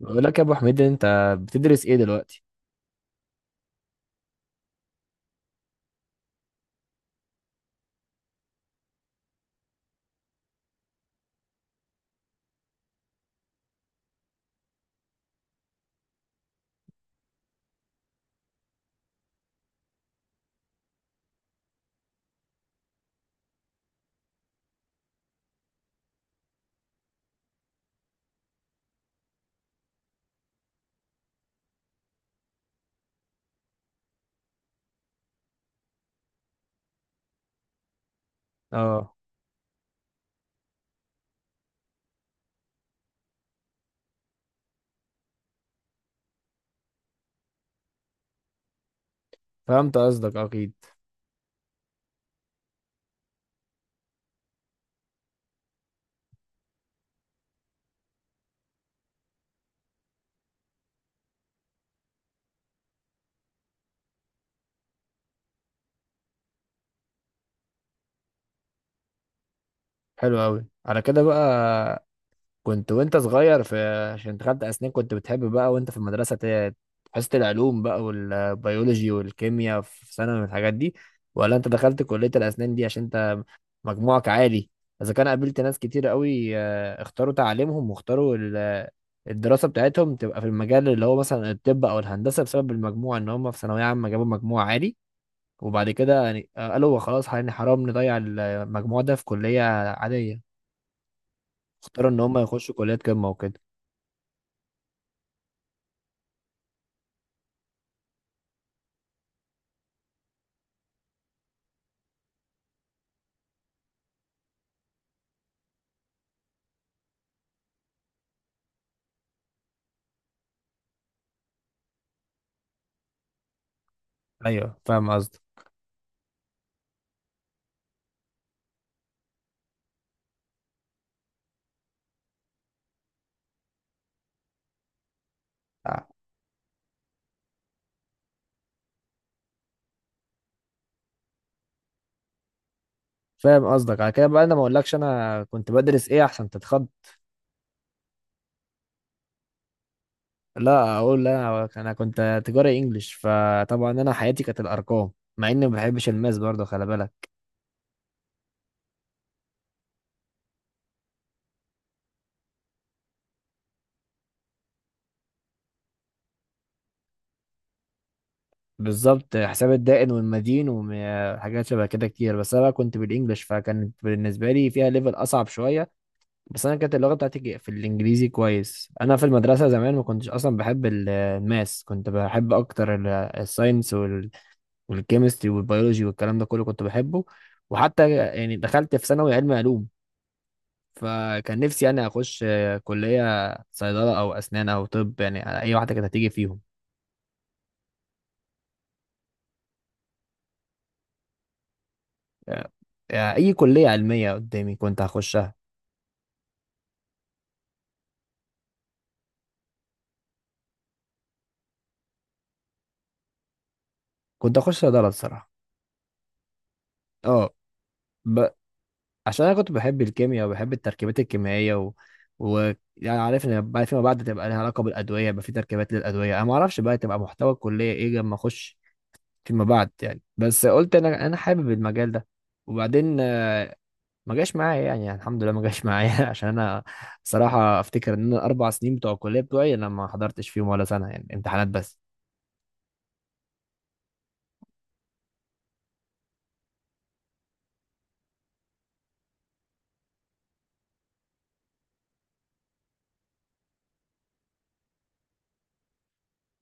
بقول لك يا ابو حميد، انت بتدرس ايه دلوقتي؟ اه، فهمت قصدك اكيد. حلو قوي. على كده بقى كنت وانت صغير في، عشان دخلت اسنان كنت بتحب بقى وانت في المدرسه حصه العلوم بقى والبيولوجي والكيمياء في ثانوي والحاجات دي، ولا انت دخلت كليه الاسنان دي عشان انت مجموعك عالي؟ اذا كان قابلت ناس كتير قوي، اختاروا تعليمهم واختاروا الدراسه بتاعتهم تبقى في المجال اللي هو مثلا الطب او الهندسه، بسبب المجموع ان هم في ثانويه عامه جابوا مجموع عالي، وبعد كده يعني قالوا هو خلاص يعني حرام نضيع المجموع ده في كلية عادية، اختاروا ان هم يخشوا كليات قمة وكده. ايوه، فاهم قصدك. آه، فاهم قصدك. على كده بقى انا ما اقولكش انا كنت بدرس ايه عشان تتخض. لا، اقول. لا، انا أنا كنت تجاري انجليش، فطبعا انا حياتي كانت الارقام، مع اني ما بحبش الماس برضه، خلي بالك. بالظبط، حساب الدائن والمدين وحاجات شبه كده كتير، بس انا بقى كنت بالانجليش فكانت بالنسبه لي فيها ليفل اصعب شويه. بس انا كانت اللغه بتاعتي في الانجليزي كويس. انا في المدرسه زمان ما كنتش اصلا بحب الماس، كنت بحب اكتر الساينس والكيمستري والبيولوجي والكلام ده كله كنت بحبه، وحتى يعني دخلت في ثانوي علم علوم، فكان نفسي يعني اخش كليه صيدله او اسنان او طب، يعني اي واحده كانت هتيجي فيهم. آه، اي كليه علميه قدامي كنت هخشها. كنت هخش صيدله الصراحه. اه، عشان انا كنت بحب الكيمياء وبحب التركيبات الكيميائية، يعني عارف ان بعد فيما بعد تبقى لها علاقة بالادوية، يبقى في تركيبات للادوية، انا ما اعرفش بقى تبقى محتوى الكلية ايه لما اخش فيما بعد يعني، بس قلت انا حابب المجال ده. وبعدين ما جاش معايا، يعني الحمد لله ما جاش معايا عشان انا صراحة افتكر ان انا الاربع سنين بتوع الكلية بتوعي انا ما حضرتش فيهم ولا سنة، يعني امتحانات بس.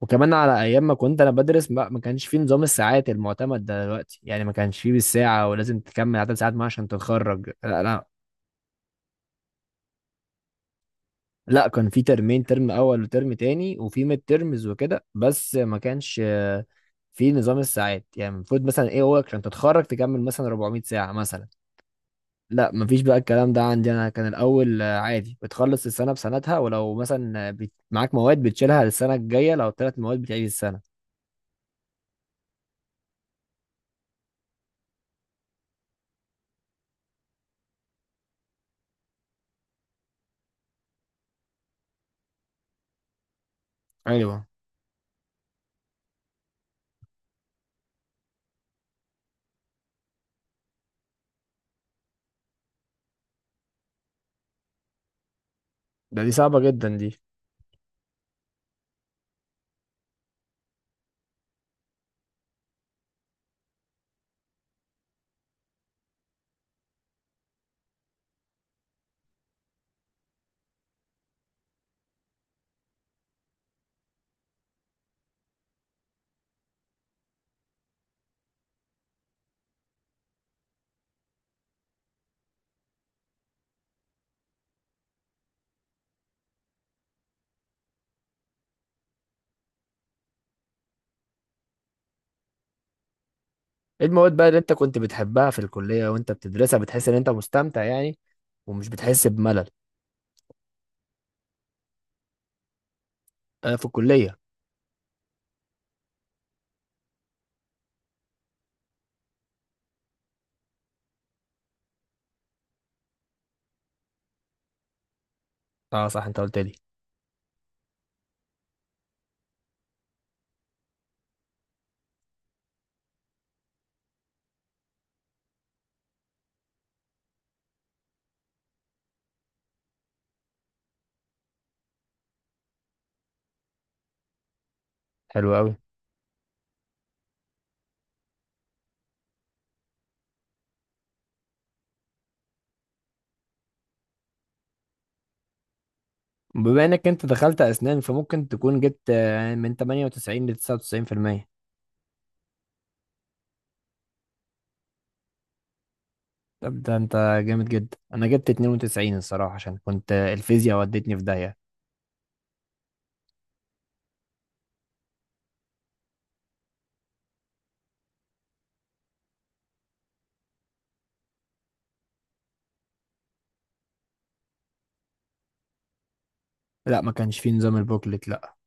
وكمان على ايام ما كنت انا بدرس ما كانش فيه نظام الساعات المعتمد ده دلوقتي، يعني ما كانش فيه بالساعه ولازم تكمل عدد ساعات ما عشان تتخرج. لا، لا. لا، كان في ترمين، ترم اول وترم تاني، وفي ميد ترمز وكده، بس ما كانش في نظام الساعات، يعني المفروض مثلا ايه هو عشان تتخرج تكمل مثلا 400 ساعة مثلا. لا مفيش بقى الكلام ده عندي، انا كان الاول عادي بتخلص السنة بسنتها، ولو مثلا معاك مواد بتشيلها للسنة الجاية، لو ثلاث مواد بتعيد السنة. ايوه، ده دي صعبة جدا دي. ايه المواد بقى اللي انت كنت بتحبها في الكلية وانت بتدرسها بتحس ان انت مستمتع يعني، ومش بتحس بملل؟ في الكلية؟ اه صح، انت قلت لي. حلو قوي. بما انك انت دخلت اسنان، فممكن تكون جبت من 98 ل 99%. طب ده انت جامد جدا. انا جبت 92 الصراحة، عشان كنت الفيزياء ودتني في داهية. لا، ما كانش فيه نظام البوكلت، لا.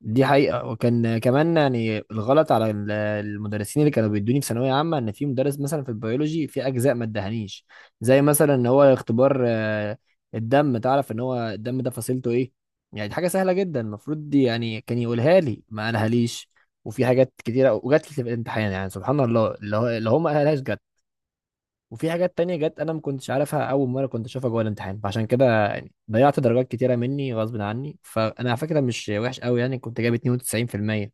دي حقيقة. وكان كمان يعني الغلط على المدرسين اللي كانوا بيدوني في ثانوية عامة، ان في مدرس مثلا في البيولوجي في اجزاء ما ادهنيش، زي مثلا ان هو اختبار الدم، تعرف ان هو الدم ده فصيلته ايه، يعني دي حاجة سهلة جدا، المفروض دي يعني كان يقولها لي، ما قالها ليش. وفي حاجات كتيرة وجات لي في الامتحان، يعني سبحان الله، اللي هو ما قالهاش جت، وفي حاجات تانية جت انا ما كنتش عارفها، اول مره كنت اشوفها جوه الامتحان، فعشان كده يعني ضيعت درجات كتيره مني غصب عني، فانا على فكره مش وحش قوي، يعني كنت جايب 92%.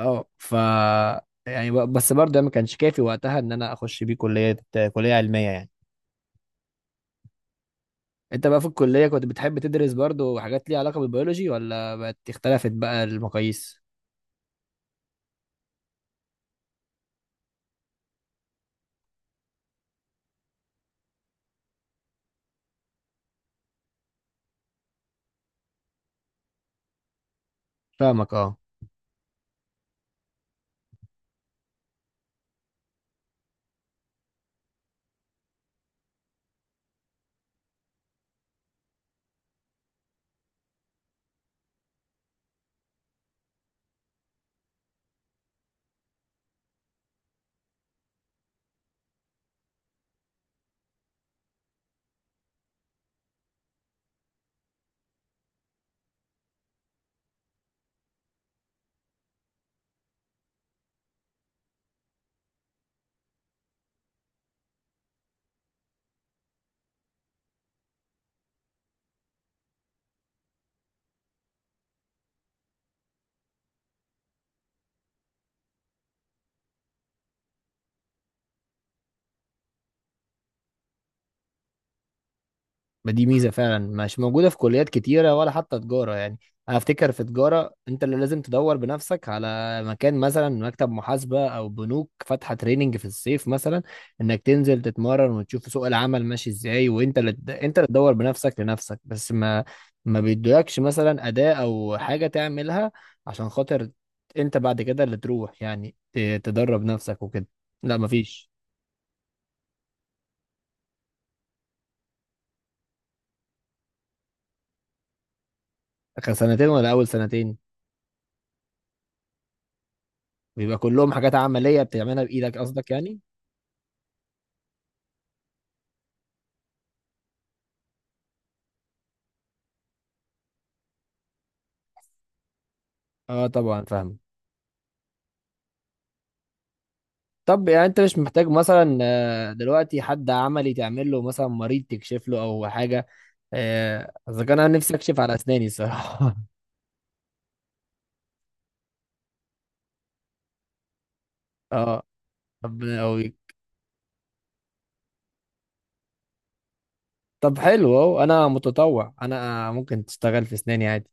اه، ف، يعني بس برضه ده ما كانش كافي وقتها ان انا اخش بيه كليه، كليه علميه يعني. انت بقى في الكليه كنت بتحب تدرس برضه حاجات ليها علاقه بالبيولوجي، ولا بقت اختلفت بقى المقاييس؟ فاهمك، اه. ما دي ميزه فعلا مش موجوده في كليات كتيره، ولا حتى تجاره يعني. انا افتكر في تجاره انت اللي لازم تدور بنفسك على مكان، مثلا مكتب محاسبه او بنوك فاتحه تريننج في الصيف مثلا، انك تنزل تتمرن وتشوف سوق العمل ماشي ازاي، وانت اللي، انت اللي تدور بنفسك لنفسك، بس ما بيدولكش مثلا اداه او حاجه تعملها عشان خاطر انت بعد كده اللي تروح، يعني تدرب نفسك وكده، لا مفيش. اخر سنتين ولا اول سنتين؟ بيبقى كلهم حاجات عملية بتعملها بإيدك قصدك يعني؟ اه، طبعا فاهم. طب يعني انت مش محتاج مثلا دلوقتي حد عملي تعمل له، مثلا مريض تكشف له او حاجة؟ اذا كان انا نفسي اكشف على اسناني الصراحة اه، طب، أو... طب حلو اهو، انا متطوع، انا ممكن تشتغل في اسناني عادي.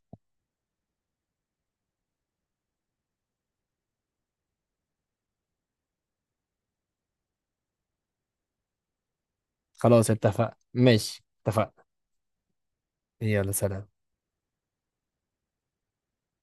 خلاص، اتفق، ماشي، اتفقنا. يلا، سلام.